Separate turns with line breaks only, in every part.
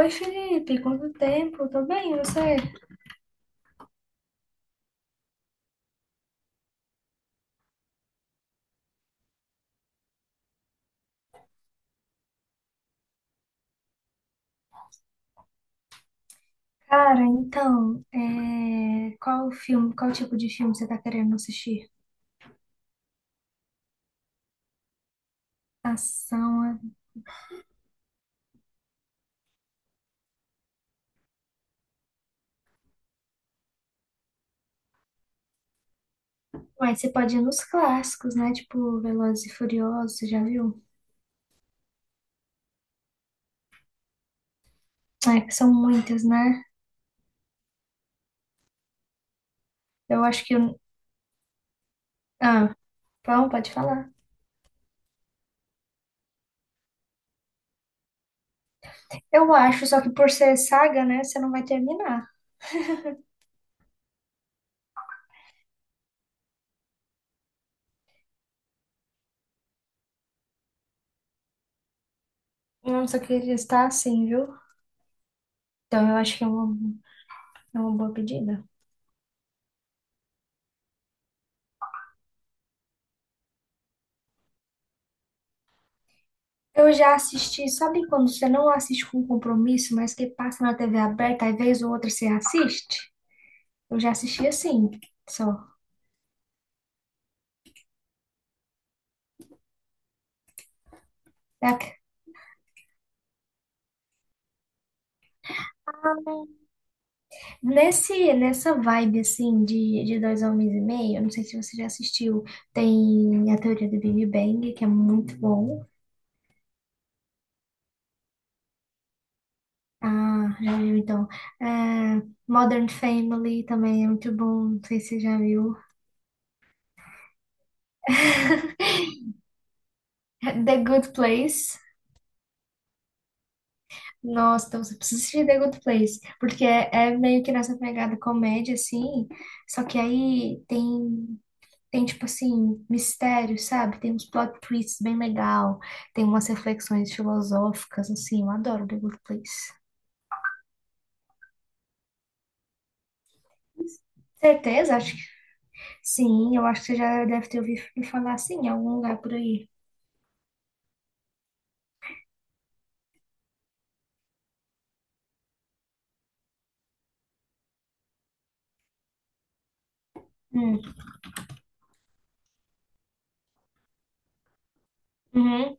Oi, Felipe, quanto tempo? Tô bem, e você? Cara, então, qual filme, qual tipo de filme você tá querendo assistir? Ação, é... Mas você pode ir nos clássicos, né? Tipo, Velozes e Furiosos, você já viu? É, que são muitas, né? Eu acho que... Ah, então, pode falar. Eu acho, só que por ser saga, né, você não vai terminar. Nossa, eu queria estar assim, viu? Então, eu acho que é uma boa pedida. Eu já assisti, sabe quando você não assiste com compromisso, mas que passa na TV aberta, aí vez ou outra você assiste? Eu já assisti assim, só. É que- nessa vibe, assim, de dois homens e meio, eu não sei se você já assistiu, tem a teoria do Big Bang, que é muito bom. Ah, já viu então. É, Modern Family também é muito bom, não sei se você já viu. The Good Place. Nossa, então você precisa assistir The Good Place, porque é meio que nessa pegada comédia, assim, só que tem tipo assim, mistério, sabe? Tem uns plot twists bem legal, tem umas reflexões filosóficas, assim, eu adoro The Good Place. Certeza? Acho que sim, eu acho que você já deve ter ouvido me falar assim em algum lugar por aí. Hum. Uhum.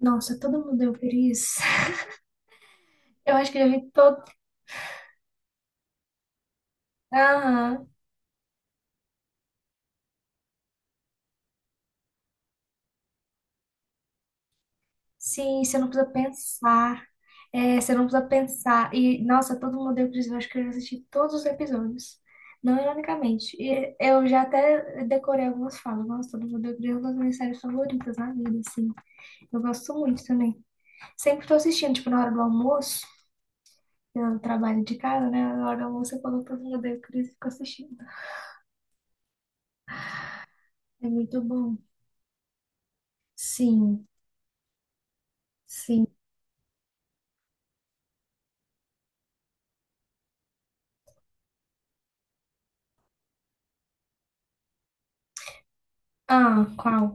Nossa, todo mundo deu por isso. Eu acho que eu já vi todo. Aham. Sim, você não precisa pensar. É, você não precisa pensar. E, nossa, todo mundo deu o Chris. Eu acho que eu já assisti todos os episódios. Não ironicamente. E eu já até decorei algumas falas. Nossa, todo mundo deu o Chris é uma das minhas séries favoritas na vida, assim. Eu gosto muito também. Sempre tô assistindo, tipo, na hora do almoço. Eu trabalho de casa, né? Na hora do almoço eu coloco todo mundo deu o Chris e fico assistindo. É muito bom. Sim, sim. Ah, qual?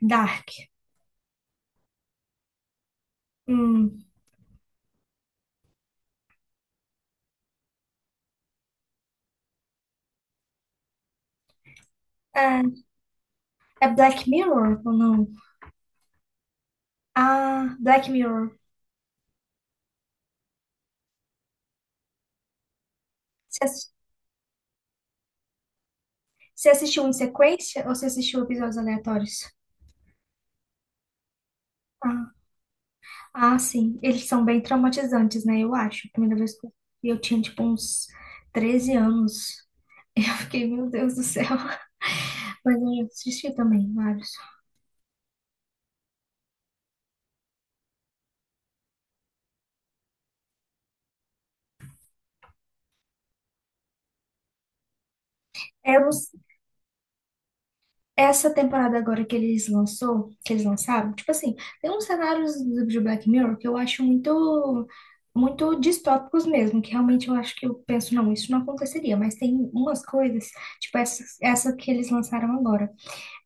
Dark. Hum. É, é Black Mirror ou não? Ah, Black Mirror. Você assis- você assistiu em sequência ou você assistiu episódios aleatórios? Ah, ah, sim. Eles são bem traumatizantes, né? Eu acho. A primeira vez que eu vi, eu tinha, tipo, uns 13 anos. Eu fiquei, meu Deus do céu. Mas eu já assisti também, vários. É, eu não. Essa temporada agora que eles lançaram, tipo assim, tem uns cenários de Black Mirror que eu acho muito, muito distópicos mesmo, que realmente eu acho que eu penso, não, isso não aconteceria, mas tem umas coisas, tipo essa que eles lançaram agora.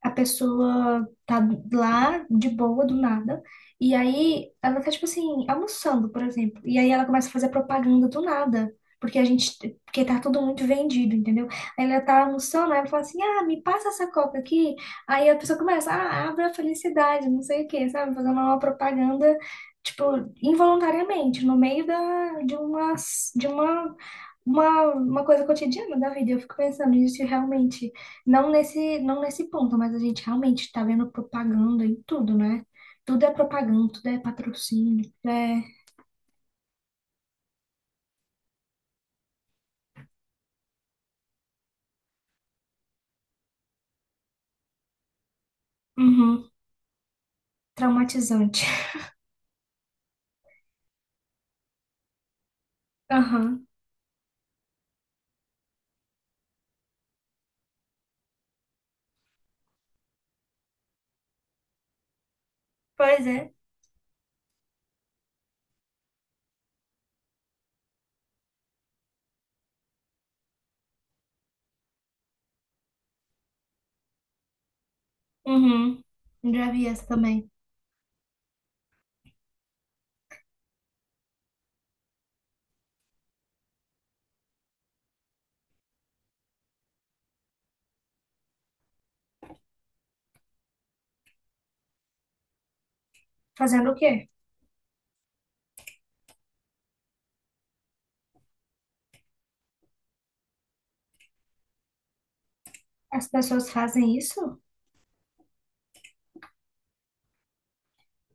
A pessoa tá lá de boa, do nada, e aí ela tá, tipo assim, almoçando, por exemplo, e aí ela começa a fazer propaganda do nada. Porque a gente, porque tá tudo muito vendido, entendeu? Aí ela tá almoçando, aí ela fala assim, ah, me passa essa coca aqui. Aí a pessoa começa, ah, abre a felicidade, não sei o quê, sabe? Fazendo uma propaganda, tipo, involuntariamente, no meio de uma uma coisa cotidiana da vida. Eu fico pensando nisso e realmente, não nesse ponto, mas a gente realmente está vendo propaganda em tudo, né? Tudo é propaganda, tudo é patrocínio, tudo é uhum, traumatizante. Aham. Pois é. Uhum. Já vi essa também. Fazendo o quê? As pessoas fazem isso?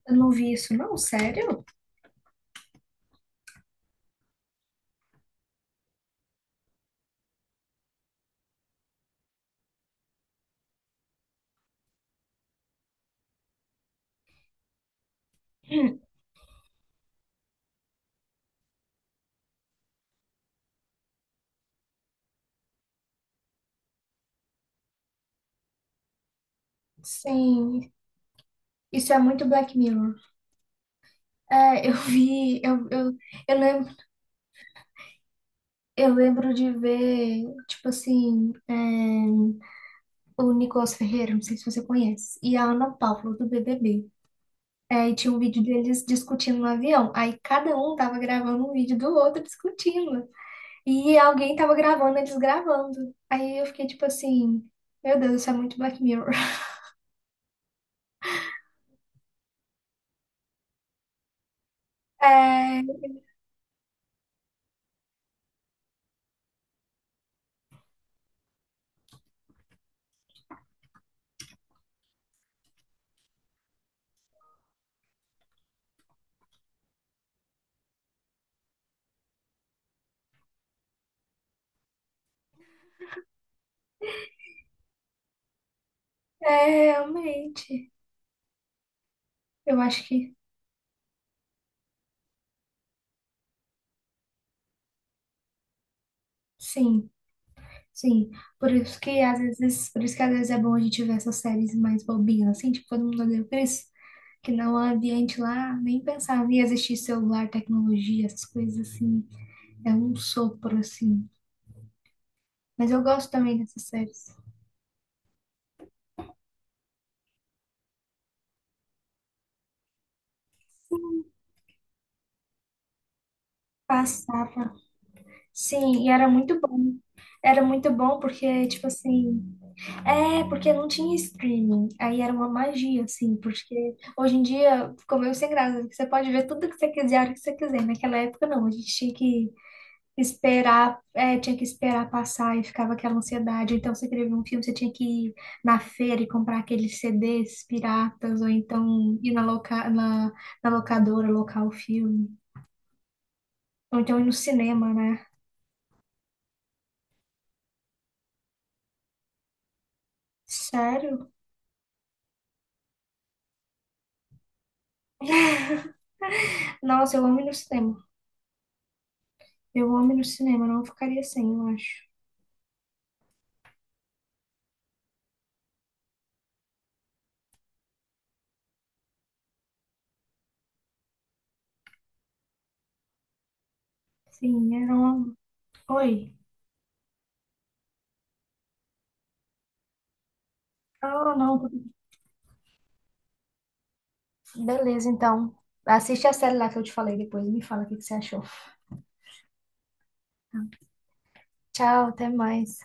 Eu não vi isso, não, sério? Sim, isso é muito Black Mirror. É, eu vi, eu lembro. Eu lembro de ver, tipo assim, é, o Nicolas Ferreira, não sei se você conhece, e a Ana Paula, do BBB. É, e tinha um vídeo deles discutindo no avião. Aí cada um tava gravando um vídeo do outro discutindo. E alguém tava gravando eles gravando. Aí eu fiquei tipo assim, meu Deus, isso é muito Black Mirror. É, é, realmente. Eu acho que sim, sim. Por isso que às vezes é bom a gente ver essas séries mais bobinhas, assim, tipo, todo mundo odeia o Chris. Que no ambiente lá nem pensava em existir celular, tecnologia, essas coisas assim. É um sopro, assim. Mas eu gosto também dessas séries. Passava. Sim, e era muito bom. Era muito bom porque, tipo assim, é porque não tinha streaming. Aí era uma magia, assim, porque hoje em dia ficou meio sem graça. Você pode ver tudo que você quiser, a hora que você quiser. Naquela época, não, a gente tinha que esperar, é, tinha que esperar passar e ficava aquela ansiedade. Então, você queria ver um filme, você tinha que ir na feira e comprar aqueles CDs piratas, ou então ir na, na locadora, locar o filme. Ou então ir no cinema, né? Sério? Nossa, eu amo ir no cinema. Eu amo ir no cinema, não ficaria sem, eu acho. Sim, era um... Oi. Ah, não. Beleza, então. Assiste a série lá que eu te falei depois. E me fala o que que você achou. Tchau, até mais.